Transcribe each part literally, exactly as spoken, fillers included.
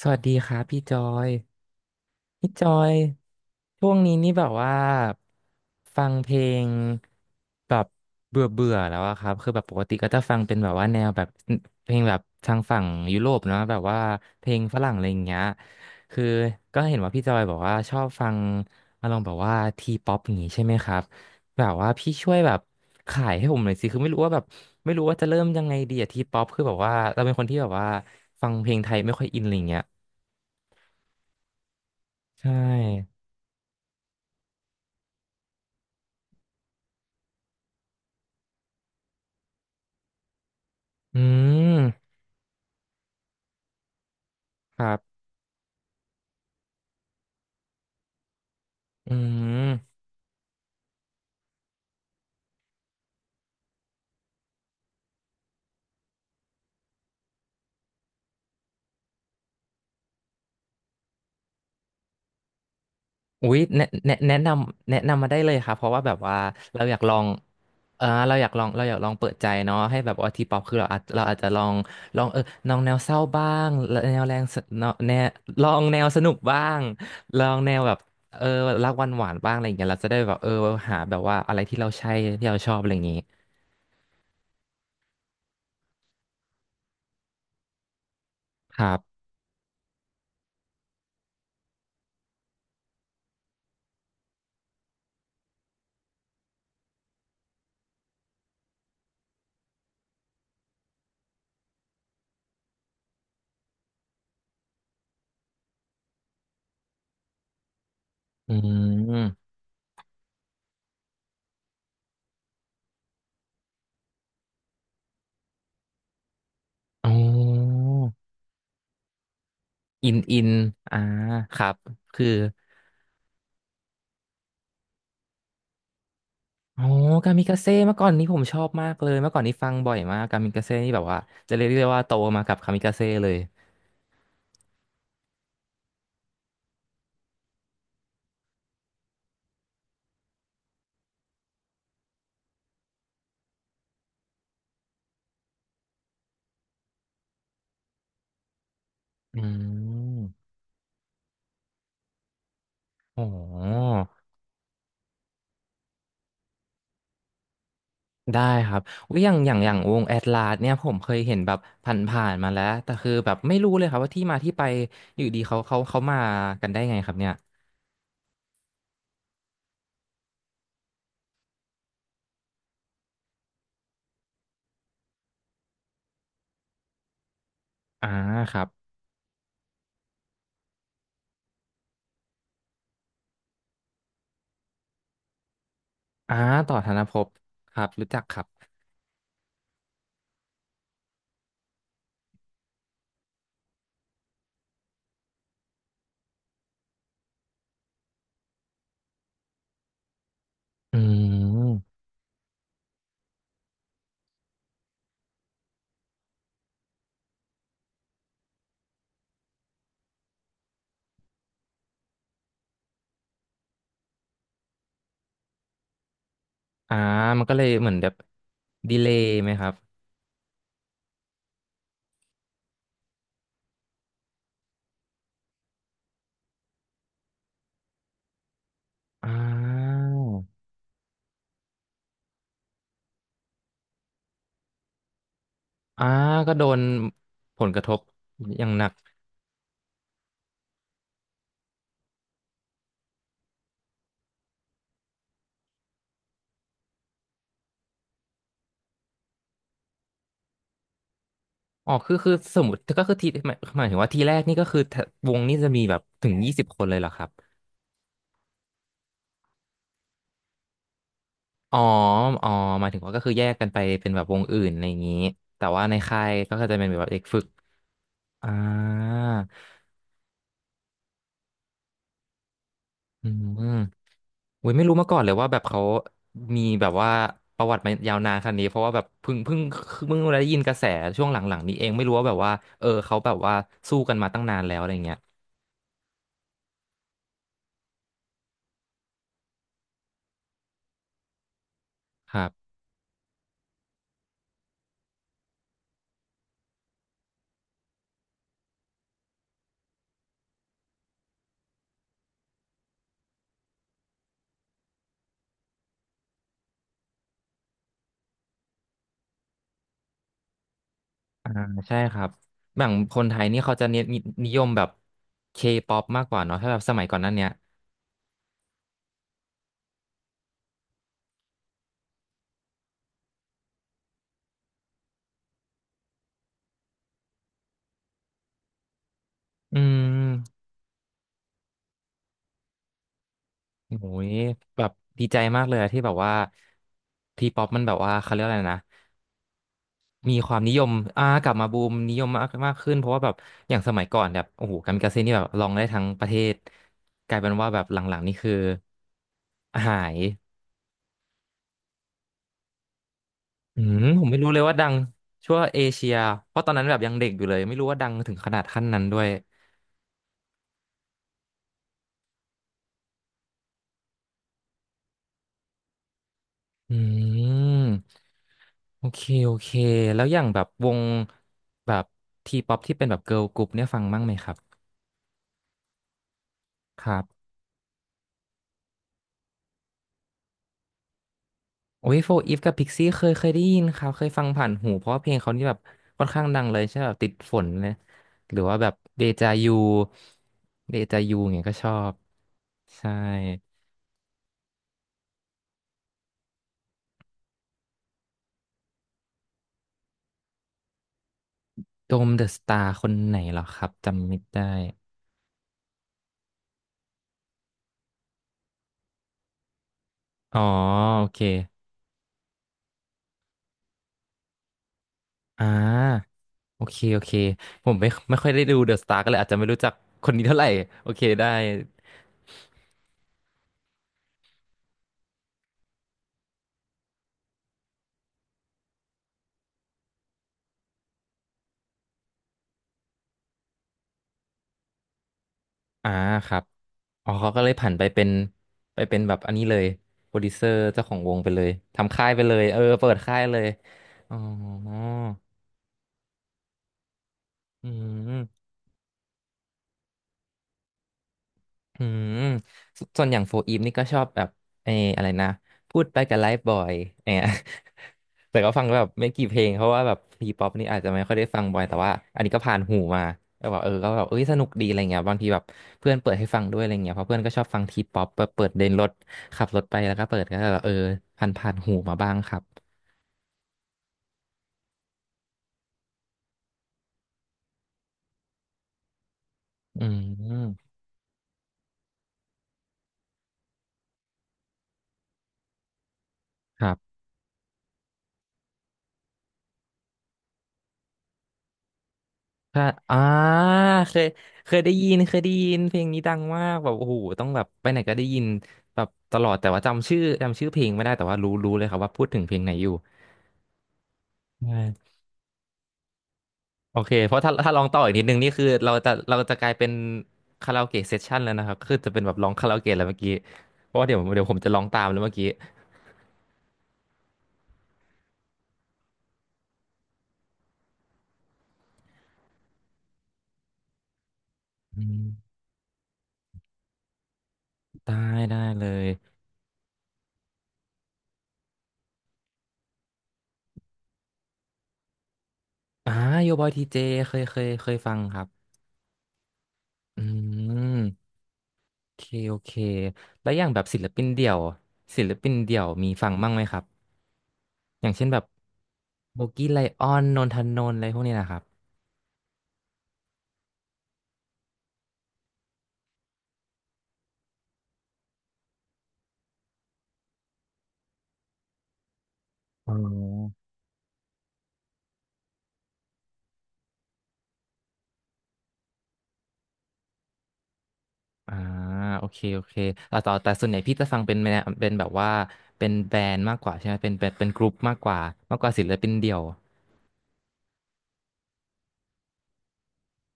สวัสดีครับพี่จอยพี่จอยช่วงนี้นี่แบบว่าฟังเพลงแบบเบื่อเบื่อแล้วอะครับ คือแบบปกติก็จะฟังเป็นแบบว่าแนวแบบเพลงแบบทางฝั่งยุโรปเนาะแบบว่าเพลงฝรั่งอะไรอย่างเงี้ยคือก็เห็นว่าพี่จอยบอกว่าชอบฟังอารมณ์แบบว่าทีป๊อปอย่างงี้ใช่ไหมครับแบบว่าพี่ช่วยแบบขายให้ผมหน่อยสิคือไม่รู้ว่าแบบไม่รู้ว่าจะเริ่มยังไงดีอะทีป๊อปคือแบบว่าเราเป็นคนที่แบบว่าฟังเพลงไทยไม่ค่อยอินอะไรเงี้ย ใช่อืมครับอืมอุ๊ยแนะแนะแนะนำ แนะนำ มาได้เลยครับเพราะว่าแบบว่าเราอยากลองเออเราอยากลองเราอยากลองเปิดใจเนาะให้แบบว่าทีป๊อปคือเราอาจเราอาจจะลองลองเออลองแนวเศร้าบ้างแนวแรงสแนวแนวลองแนวสนุกบ้าง ลองแนวแบบเออรักหวานหวานบ้างอะไรอย่างเงี้ยเราจะได้แบบเออหาแบบว่าอะไรที่เราใช่ที่เราชอบอะไรอย่างงี้ครับอืมอ๋ออินอินอ่าครับคือ อ๋อกามิกาเซ่เมื่อก่อนนี้ผมชอบมากเลยเมื่อก่อนนี้ฟังบ่อยมากกามิกาเซ่นี่แบบว่าจะเรียกได้ว่าโตมากับกามิกาเซ่เลยอืมโอ้ได้ครับอุ๊ยอย่างอย่างอย่างวงแอตลาสเนี่ยผมเคยเห็นแบบผ่านๆมาแล้วแต่คือแบบไม่รู้เลยครับว่าที่มาที่ไปอยู่ดีเขาเขาเขามากันได้ไงครับเนี่ยอ่าครับอ่าต่อธนภพครับรู้จักครับอืมอ่ามันก็เลยเหมือนแบบดีเลย์ไหมครับอ่า อ่าก็โดนผลกระทบอย่างหนักอ๋อคือคือสมมติก็คือทีหมายหมายถึงว่าทีแรกนี่ก็คือถ้าวงนี่จะมีแบบถึงยี่สิบคนเลยเหรอครับอ๋ออ๋อหมายถึงว่าก็คือแยกกันไปเป็นแบบวงอื่นอะไรอย่างนี้แต่ว่าในค่ายก็จะเป็นแบบเด็กฝึกอ่าอืมอุ้ยไม่รู้มาก่อนเลยว่าแบบเขามีแบบว่าประวัติมายาวนานขนาดนี้เพราะว่าแบบเพิ่งเพิ่งเพิ่งได้ยินกระแสช่วงหลังๆนี้เองไม่รู้ว่าแบบว่าเออเขาแบบว่าสู้กันมาตั้งนานแล้วอะไรอย่างเงี้ยครับ อ่าใช่ครับอย่างคนไทยนี่เขาจะเน้นนินิยมแบบเคป๊อปมากกว่าเนาะถ้าแบบสมัยก่อนนั้นเนี่ยอืมโอ้ยแบบดีใจมากเลยอะที่แบบว่าทีป๊อปมันแบบว่าเขาเรียกอะไรนะมีความนิยมอ่ากลับมาบูมนิยมมากมากขึ้นเพราะว่าแบบอย่างสมัยก่อนแบบโอ้โหกามิกาเซ่นี่แบบลองได้ทั้งประเทศกลายเป็นว่าแบบหลังๆนี่คือหายอืมผมไม่รู้เลยว่าดังชั่วเอเชียเพราะตอนนั้นแบบยังเด็กอยู่เลยไม่รู้ว่าดังถึงขนาดขั้นนั้นด้วย อืมโอเคโอเคแล้วอย่างแบบวงแบบทีป๊อปที่เป็นแบบเกิร์ลกรุ๊ปเนี่ยฟังบ้างไหมครับครับโอ้ยโฟร์อีฟกับพิกซี่เคยเคยได้ยินครับเคยฟังผ่านหูเพราะว่าเพลงเขานี่แบบค่อนข้างดังเลยใช่ไหมแบบติดฝนเลยหรือว่าแบบเดจายูเดจายูเงี้ยก็ชอบใช่โดมเดอะสตาร์คนไหนเหรอครับจำไม่ได้อ๋อโอเคอ่า โอเคโอเคผมไม่ไม่ค่อยได้ดูเดอะสตาร์ก็เลยอาจจะไม่รู้จักคนนี้เท่าไหร่โอเคได้อ่าครับอ๋อเขาก็เลยผันไปเป็นไปเป็นแบบอันนี้เลยโปรดิวเซอร์เจ้าของวงไปเลยทำค่ายไปเลยเออเปิดค่ายเลยอ๋ออืม อืมสส่วนอย่างโฟอีฟนี่ก็ชอบแบบเอออะไรนะพูดไปกับไลฟ์บอยเนี่ย แต่ก็ฟังแบบไม่กี่เพลงเพราะว่าแบบทีป๊อปนี่อาจจะไม่ค่อยได้ฟังบ่อยแต่ว่าอันนี้ก็ผ่านหูมาแล้วแบบเออก็แบบเอ้ยสนุกดีอะไรเงี้ยบางทีแบบเพื่อนเปิดให้ฟังด้วยอะไรเงี้ยเพราะเพื่อนก็ชอบฟังทีป๊อปเปิดเดินรถขับรถไปแล้วก็เปิดก็แบบเออผ่านผ่านหูมาบ้างครับอืมครับ ใช่อ่าเคยเคยได้ยินเคยได้ยิน เพลงนี้ดังมากแบบโอ้โหต้องแบบไปไหนก็ได้ยินแบบตลอดแต่ว่าจำชื่อจำชื่อเพลงไม่ได้แต่ว่ารู้รู้เลยครับว่าพูดถึงเพลงไหนอยู่ใช่โอเค เพราะถ้าถ้าร้องต่ออีกนิดนึงนี่คือเราจะเราจะกลายเป็นคาราโอเกะเซสชั่นแล้วนะครับคือจะเป็นแบบร้องคาราโอเกะแล้วเมื่อกี้เพราะว่าเดี๋ยวเดี๋ยวผมจะร้องตามแล้วเมื่อกี้อืมได้ได้เลยอ่าโยบอยทีเจเคยเคยเคยฟังครับอืม โอเคโอเคแล้วอย่างแบบศิลปินเดี่ยวศิลปินเดี่ยวมีฟังบ้างไหมครับอย่างเช่นแบบโบกี้ไลออนนนทนนท์อะไรพวกนี้นะครับอ๋ออ่าโอเคโอเคแต่ต่อแต่ส่วนใหญ่พี่จะฟังเป็นแนวเป็นแบบว่าเป็นแบรนด์มากกว่าใช่ไหมเป็นเป็นเป็นกรุ๊ปมากกว่ามากกว่าศิลปินเดี่ยว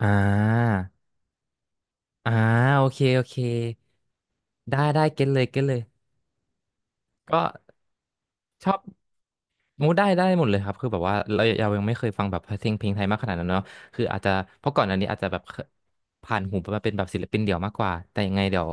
อ่าอ่าโอเคโอเคได้ได้เก็ตเลยเก็ตเลยก็ชอบ โอ้ได้ได้หมดเลยครับคือแบบว่าเราเรายังไม่เคยฟังแบบเพลงเพลงไทยมากขนาดนั้นเนาะคืออาจจะเพราะก่อนอันนี้อาจจะแบบเคผ่านหูมาเป็นแบบศิลปินเดี่ยวมากกว่าแต่ยังไงเดี๋ยว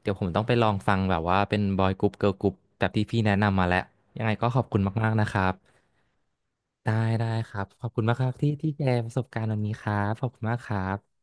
เดี๋ยวผมต้องไปลองฟังแบบว่าเป็นบอยกรุ๊ปเกิร์ลกรุ๊ปแบบที่พี่แนะนำมาแล้วยังไงก็ขอบคุณมากๆนะครับได้ได้ครับขอบคุณมากครับที่ที่แชร์ประสบการณ์วันนี้ครับขอบคุณมากครับ